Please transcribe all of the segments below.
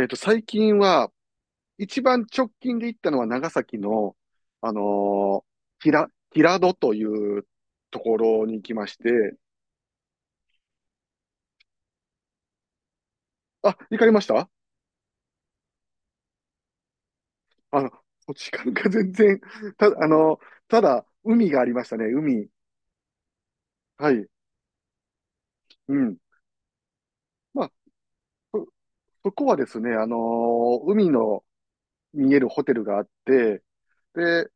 最近は、一番直近で行ったのは長崎の、あの平戸というところに行きまして、あ、行かれました？あの、時間が全然、た、あのただ、海がありましたね、海。はい。うん。まあ、そ、そこはですね、海の見えるホテルがあって、で、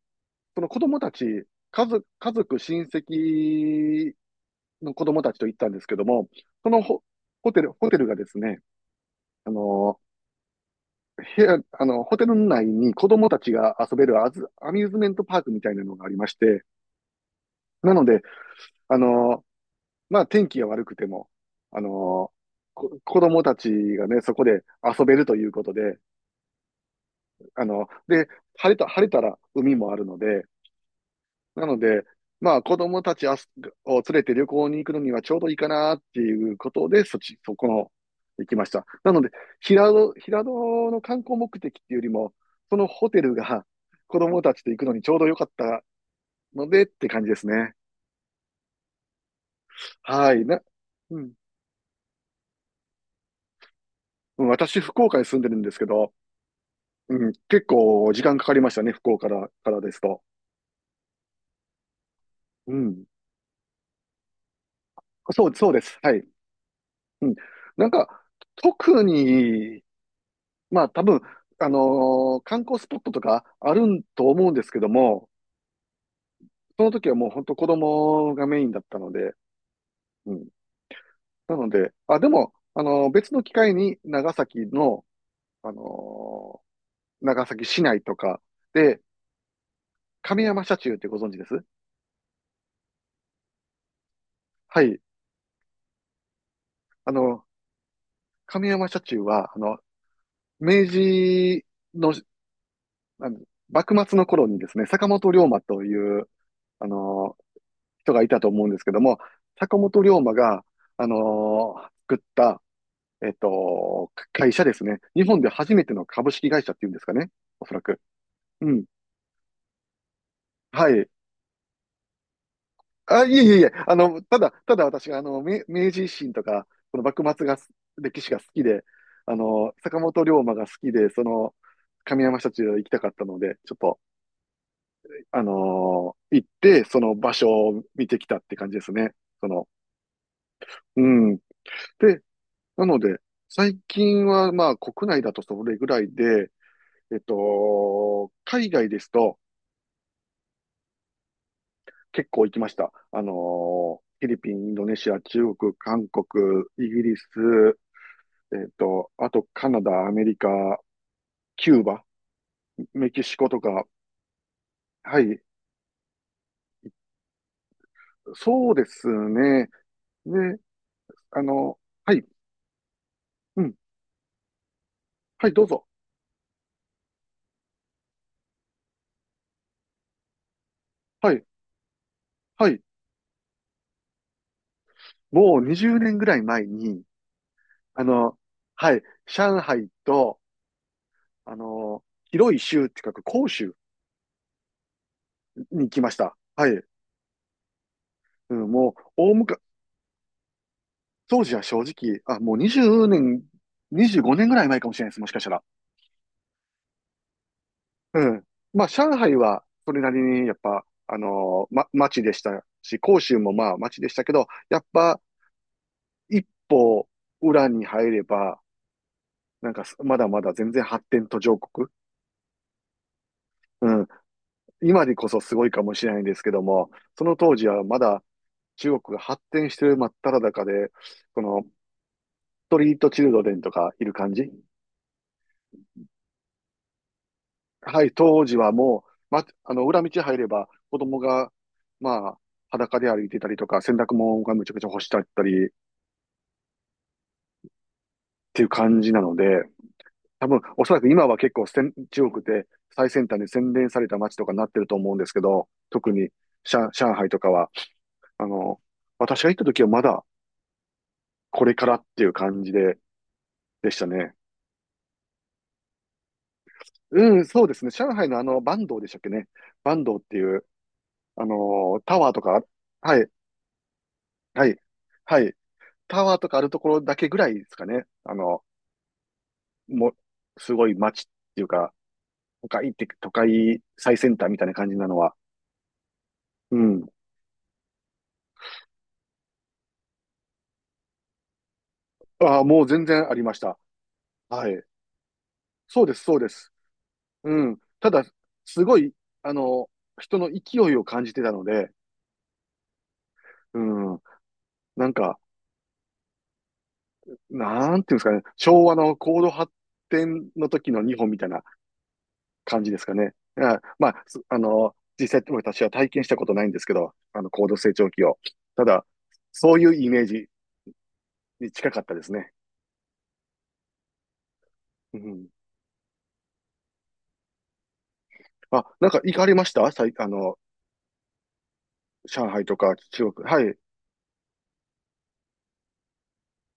その子供たち、家族、親戚の子供たちと行ったんですけども、そのホテルがですね、あの、部屋、あの、ホテル内に子供たちが遊べるアミューズメントパークみたいなのがありまして、なので、あの、まあ、天気が悪くても、あの、子供たちがね、そこで遊べるということで、で、晴れたら海もあるので、なので、まあ子供たちあすを連れて旅行に行くのにはちょうどいいかなっていうことで、そっち、そこの、行きました。なので、平戸の観光目的っていうよりも、そのホテルが子供たちと行くのにちょうど良かったのでって感じですね。はい。うん。うん、私、福岡に住んでるんですけど、うん、結構時間かかりましたね、福岡からですと。うん。そう、そうです。はい。うん。なんか、特にまあ多分、観光スポットとかあるんと思うんですけども、その時はもう本当子供がメインだったので。うん。なので、あ、でも、別の機会に長崎の、あの長崎市内とかで、亀山社中ってご存知です？はい。あの、亀山社中は、明治の、あの幕末の頃にですね、坂本龍馬という、あの人がいたと思うんですけども、坂本龍馬が、作った、会社ですね。日本で初めての株式会社っていうんですかね。おそらく。うん。はい。あ、いえいえいえ、ただ私が、明治維新とか、その幕末が、歴史が好きで、坂本龍馬が好きで、その、上山社中行きたかったので、ちょっと、あの行って、その場所を見てきたって感じですね。その、うん。で、なので、最近はまあ国内だとそれぐらいで、海外ですと結構行きました。フィリピン、インドネシア、中国、韓国、イギリス、あとカナダ、アメリカ、キューバ、メキシコとか、はい、そうですね。で、あの、はい、うん、はい、どうぞ。はい、はい、もう20年ぐらい前に、あの、はい、上海と、あの、広い州って書く広州に来ました。はい。うん、もう、大昔、当時は正直、あ、もう20年、25年ぐらい前かもしれないです、もしかしたら。うん。まあ、上海は、それなりに、やっぱ、町でしたし、広州もまあ、町でしたけど、やっぱ、一歩、裏に入れば、なんか、まだまだ全然発展途上国。うん。今でこそすごいかもしれないんですけども、その当時はまだ中国が発展してる真っ只中で、その、ストリートチルドレンとかいる感じ。はい、当時はもう、ま、あの、裏道入れば子供が、まあ、裸で歩いてたりとか、洗濯物がむちゃくちゃ干してあったりっていう感じなので、多分、おそらく今は結構中国で最先端に洗練された街とかになってると思うんですけど、特に上海とかは、あの、私が行った時はまだこれからっていう感じで、でしたね。うん、そうですね。上海のバンドでしたっけね。バンドっていう、タワーとか、はい、はい。はい。タワーとかあるところだけぐらいですかね。もう、すごい街っていうか、都会最先端みたいな感じなのは。うん。ああ、もう全然ありました。はい。そうです、そうです。うん。ただ、すごい、あの、人の勢いを感じてたので。うん。なんか、なんていうんですかね。昭和の高度発展の時の日本みたいな感じですかね。あ、まあ、すあの、実際私は体験したことないんですけど、高度成長期を。ただ、そういうイメージに近かったですね。うん。あ、なんか行かれました？さい、あの、上海とか中国。はい、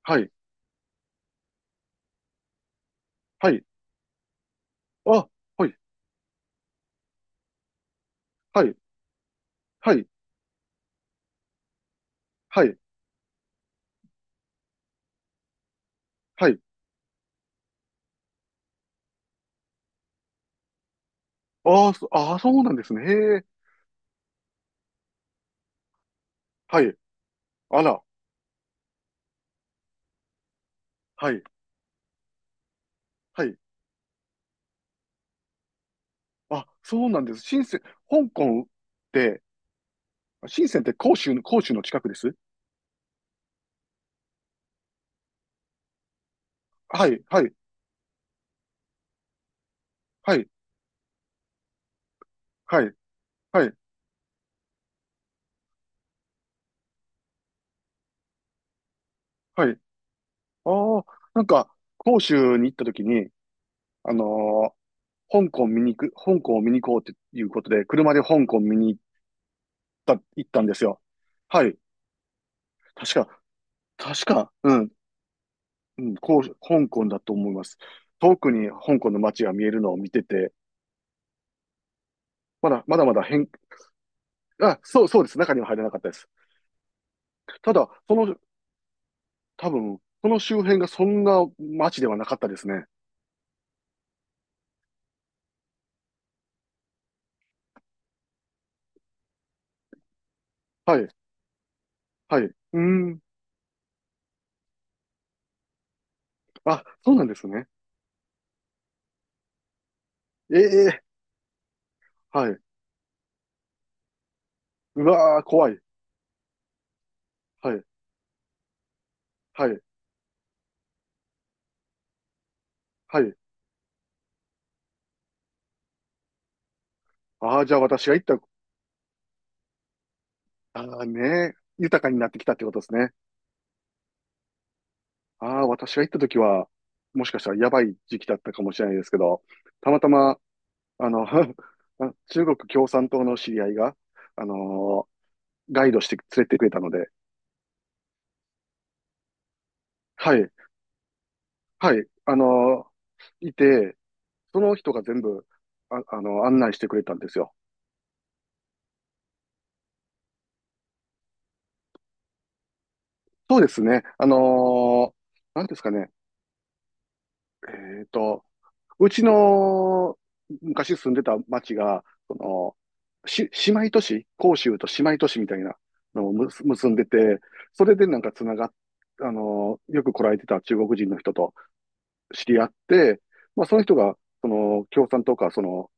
はい、はい。あ、はい、はい、はい、はい、はい。ああ、そあー、そうなんですね。へえ。はい。あら、はい、はい。あ、そうなんです。深セン、香港って、深センって広州の近くです。はい、はい、はい、はい、はい。はい。ああ、なんか、広州に行った時に、あのー香港を見に行こうっていうことで、車で香港見に行ったんですよ。はい。確か、確か、うん、うん、香港だと思います。遠くに香港の街が見えるのを見てて、まだまだ。あ、そう、そうです。中には入れなかったです。ただ、その、多分、その周辺がそんな街ではなかったですね。はい、はい。うーん。あ、そうなんですね。ええ、はい。うわー、怖い。はい、はい、はい。ああ、じゃあ私が行った、ああね、豊かになってきたってことですね。ああ、私が行った時は、もしかしたらやばい時期だったかもしれないですけど、たまたま、あの、中国共産党の知り合いが、あのガイドして連れてくれたので、はい、はい、いて、その人が全部、案内してくれたんですよ。そうですね、ーなんですかね、えっと、うちの昔住んでた町が、その、姉妹都市、甲州と姉妹都市みたいなのを結んでて、それでなんかつながっ、あの、よく来られてた中国人の人と知り合って、まあその人が、その、共産党か、その、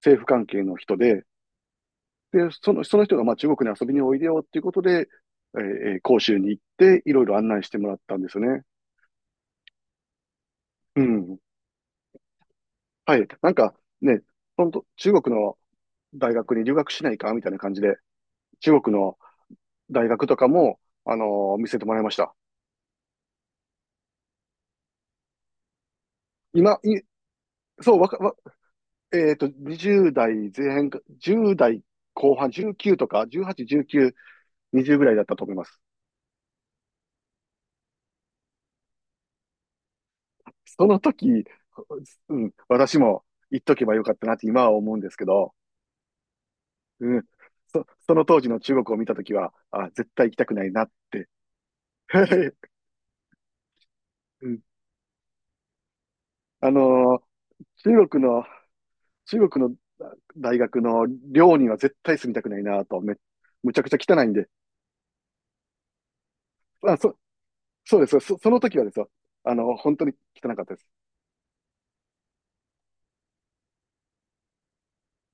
政府関係の人で、で、その人がまあ中国に遊びにおいでよっていうことで、えー甲州に行って、いろいろ案内してもらったんですよね。うん。はい。なんかね、本当中国の大学に留学しないかみたいな感じで、中国の大学とかも、あの見せてもらいました。今、い、そう、わか、わ、20代前半か、10代後半、19とか、18、19、20ぐらいだったと思います。その時、うん、私も言っとけばよかったなって今は思うんですけど、うん、その当時の中国を見た時は、あ、絶対行きたくないなって。うん、あのー中国の中国の大学の寮には絶対住みたくないなと、むちゃくちゃ汚いんで。あ、そうです。その時はですよ。本当に汚かったです。